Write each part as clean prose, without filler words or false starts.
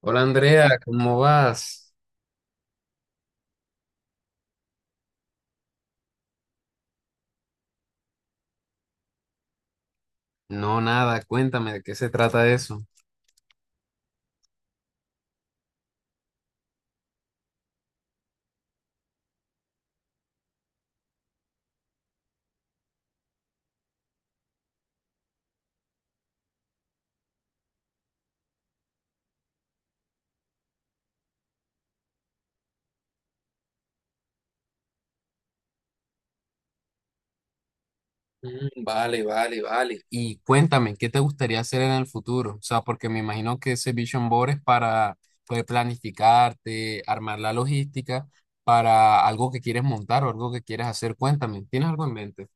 Hola Andrea, ¿cómo vas? No, nada, cuéntame de qué se trata eso. Mm, vale, vale, vale. Y cuéntame, ¿qué te gustaría hacer en el futuro? O sea, porque me imagino que ese Vision Board es para poder planificarte, armar la logística para algo que quieres montar o algo que quieres hacer. Cuéntame, ¿tienes algo en mente?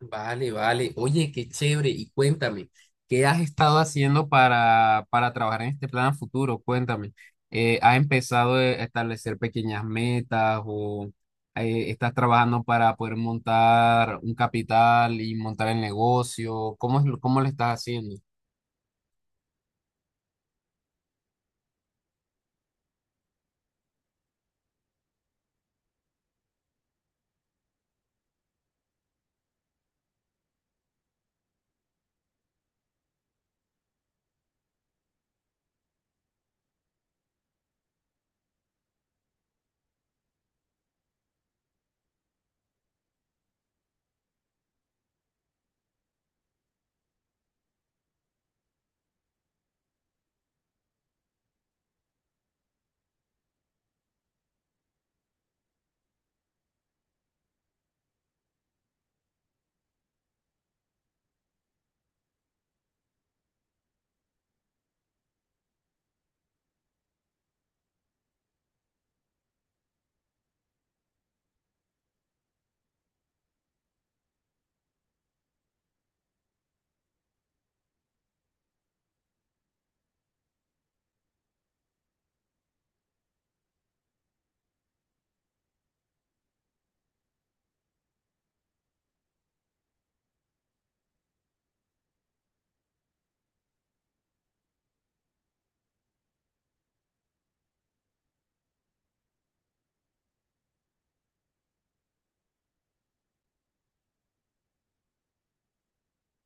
Vale, vale. Oye, qué chévere. Y cuéntame, ¿qué has estado haciendo para trabajar en este plan a futuro? Cuéntame. ¿Has empezado a establecer pequeñas metas o estás trabajando para poder montar un capital y montar el negocio? ¿Cómo es, cómo lo estás haciendo?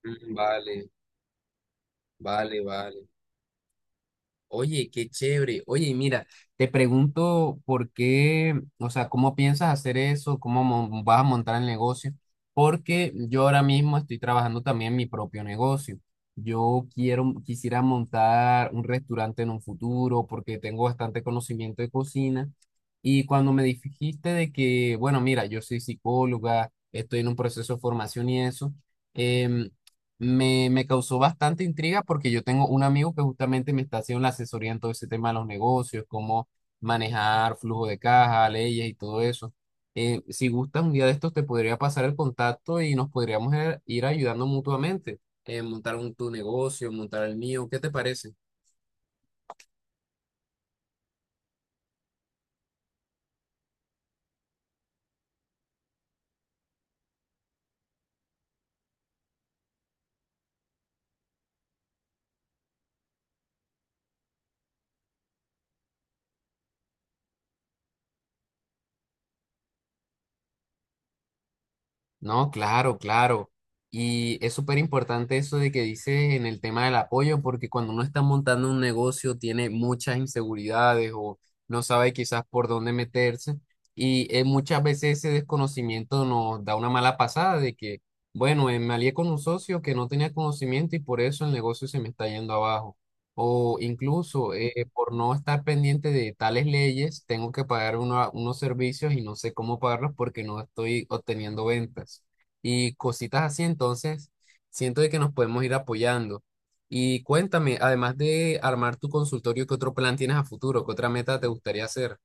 Mm, vale, vale, vale. Oye, qué chévere. Oye, y mira, te pregunto por qué, o sea, cómo piensas hacer eso, vas a montar el negocio, porque yo ahora mismo estoy trabajando también en mi propio negocio. Quisiera montar un restaurante en un futuro porque tengo bastante conocimiento de cocina. Y cuando me dijiste de que, bueno, mira, yo soy psicóloga, estoy en un proceso de formación y eso. em, me causó bastante intriga porque yo tengo un amigo que justamente me está haciendo la asesoría en todo ese tema de los negocios, cómo manejar flujo de caja, leyes y todo eso. Si gustas, un día de estos te podría pasar el contacto y nos podríamos ir ayudando mutuamente, montar tu negocio, montar el mío, ¿qué te parece? No, claro, claro. Y es súper importante eso de que dices en el tema del apoyo, porque cuando uno está montando un negocio tiene muchas inseguridades o no sabe quizás por dónde meterse. Y muchas veces ese desconocimiento nos da una mala pasada de que, bueno, me alié con un socio que no tenía conocimiento y por eso el negocio se me está yendo abajo. O incluso por no estar pendiente de tales leyes, tengo que pagar unos servicios y no sé cómo pagarlos porque no estoy obteniendo ventas. Y cositas así, entonces, siento de que nos podemos ir apoyando. Y cuéntame, además de armar tu consultorio, ¿qué otro plan tienes a futuro? ¿Qué otra meta te gustaría hacer?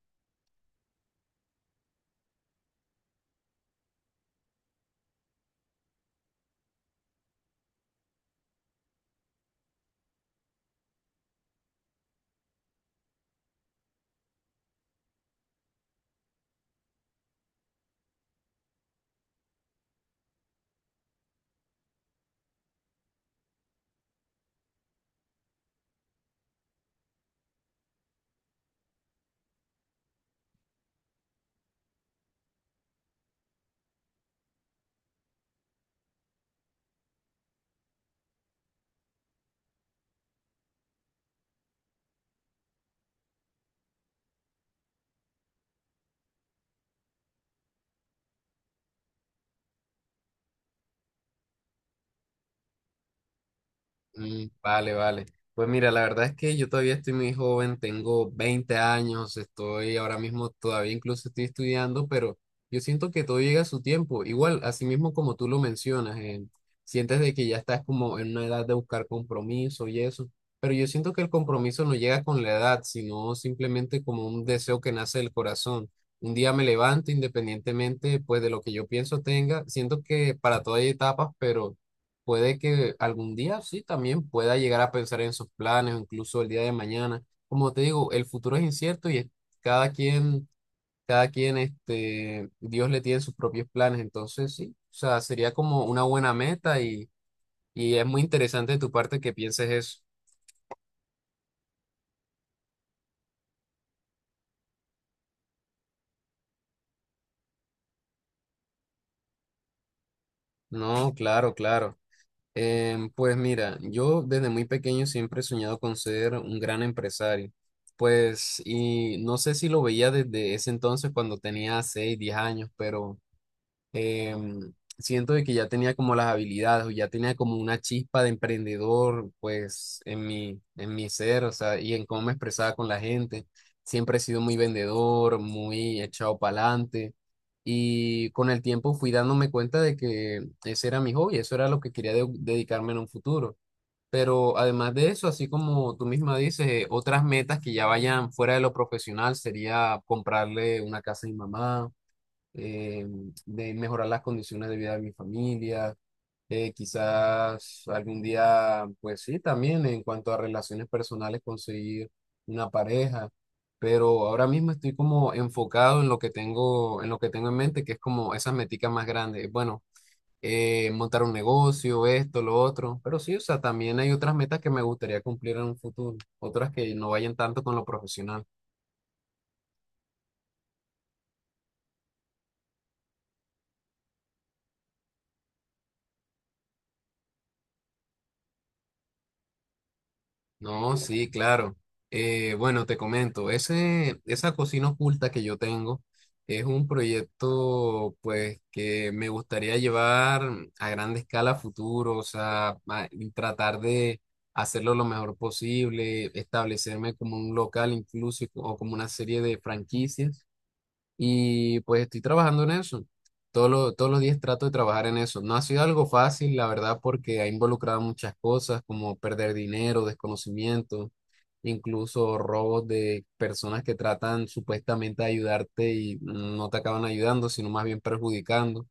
Mm, vale, vale. Pues mira, la verdad es que yo todavía estoy muy joven, tengo 20 años, estoy ahora mismo todavía incluso estoy estudiando, pero yo siento que todo llega a su tiempo. Igual, así mismo como tú lo mencionas, sientes de que ya estás como en una edad de buscar compromiso y eso, pero yo siento que el compromiso no llega con la edad, sino simplemente como un deseo que nace del corazón. Un día me levanto independientemente pues de lo que yo pienso tenga, siento que para todo hay etapas, pero puede que algún día sí también pueda llegar a pensar en sus planes o incluso el día de mañana. Como te digo, el futuro es incierto y cada quien, cada quien, este, Dios le tiene sus propios planes. Entonces sí, o sea, sería como una buena meta y es muy interesante de tu parte que pienses eso. No, claro, claro. Pues mira, yo desde muy pequeño siempre he soñado con ser un gran empresario. Pues, y no sé si lo veía desde ese entonces cuando tenía 6 10 años, pero em, siento de que ya tenía como las habilidades o ya tenía como una chispa de emprendedor, pues en mi ser, o sea, y en cómo me expresaba con la gente. Siempre he sido muy vendedor, muy echado para adelante. Y con el tiempo fui dándome cuenta de que ese era mi hobby, eso era lo que quería dedicarme en un futuro. Pero además de eso, así como tú misma dices, otras metas que ya vayan fuera de lo profesional sería comprarle una casa a mi mamá eh, de mejorar las condiciones de vida de mi familia, quizás algún día, pues sí, también en cuanto a relaciones personales, conseguir una pareja, pero ahora mismo estoy como enfocado en lo que tengo, en lo que tengo en mente, que es como esas meticas más grandes, bueno, montar un negocio, esto, lo otro, pero sí, o sea, también hay otras metas que me gustaría cumplir en un futuro, otras que no vayan tanto con lo profesional. No, sí, claro. Bueno, te comento, esa cocina oculta que yo tengo es un proyecto pues que me gustaría llevar a gran escala a futuro, o sea, y tratar de hacerlo lo mejor posible, establecerme como un local incluso o como una serie de franquicias y pues estoy trabajando en eso. Todos los días trato de trabajar en eso. No ha sido algo fácil, la verdad, porque ha involucrado muchas cosas como perder dinero, desconocimiento, incluso robos de personas que tratan supuestamente de ayudarte y no te acaban ayudando, sino más bien perjudicando.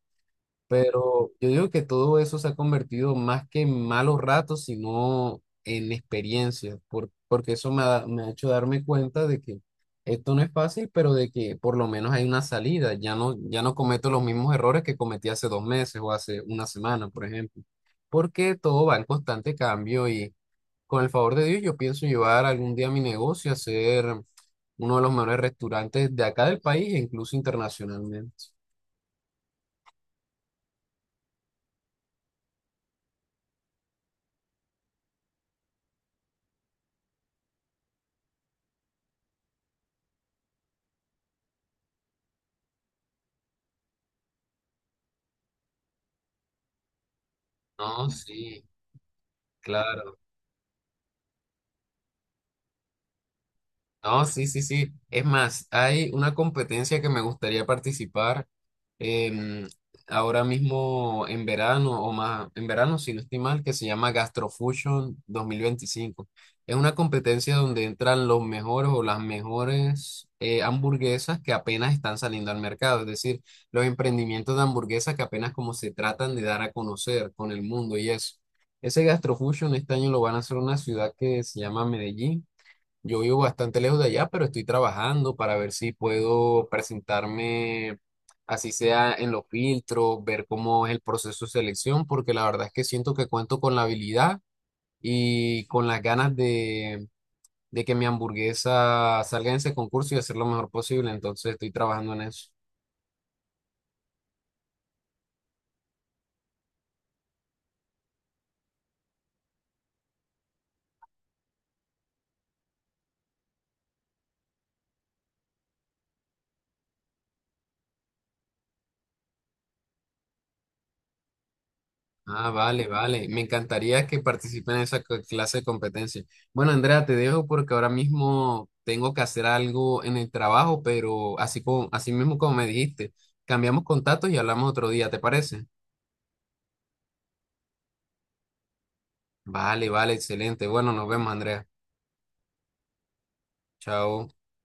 Pero yo digo que todo eso se ha convertido más que en malos ratos, sino en experiencias, porque eso me ha hecho darme cuenta de que esto no es fácil, pero de que por lo menos hay una salida. Ya no, ya no cometo los mismos errores que cometí hace 2 meses o hace una semana, por ejemplo, porque todo va en constante cambio y con el favor de Dios yo pienso llevar algún día mi negocio a ser uno de los mejores restaurantes de acá del país e incluso internacionalmente. No, sí, claro. No, sí, sí, sí. Es más, hay una competencia que me gustaría participar em, ahora mismo en verano o más, en verano, si no estoy mal, que se llama Gastrofusion 2025. Es una competencia donde entran los mejores o las mejores hamburguesas que apenas están saliendo al mercado, es decir, los emprendimientos de hamburguesas que apenas como se tratan de dar a conocer con el mundo y eso. Ese Gastrofusion este año lo van a hacer en una ciudad que se llama Medellín. Yo vivo bastante lejos de allá, pero estoy trabajando para ver si puedo presentarme, así sea en los filtros, ver cómo es el proceso de selección, porque la verdad es que siento que cuento con la habilidad y con las ganas de que mi hamburguesa salga en ese concurso y hacer lo mejor posible. Entonces estoy trabajando en eso. Ah, vale, vale. Me encantaría que participen en esa clase de competencia. Bueno, Andrea, te dejo porque ahora mismo tengo que hacer algo en el trabajo, pero así mismo como me dijiste, cambiamos contactos y hablamos otro día, ¿te parece? Vale, vale, excelente. Bueno, nos vemos, Andrea. Chao.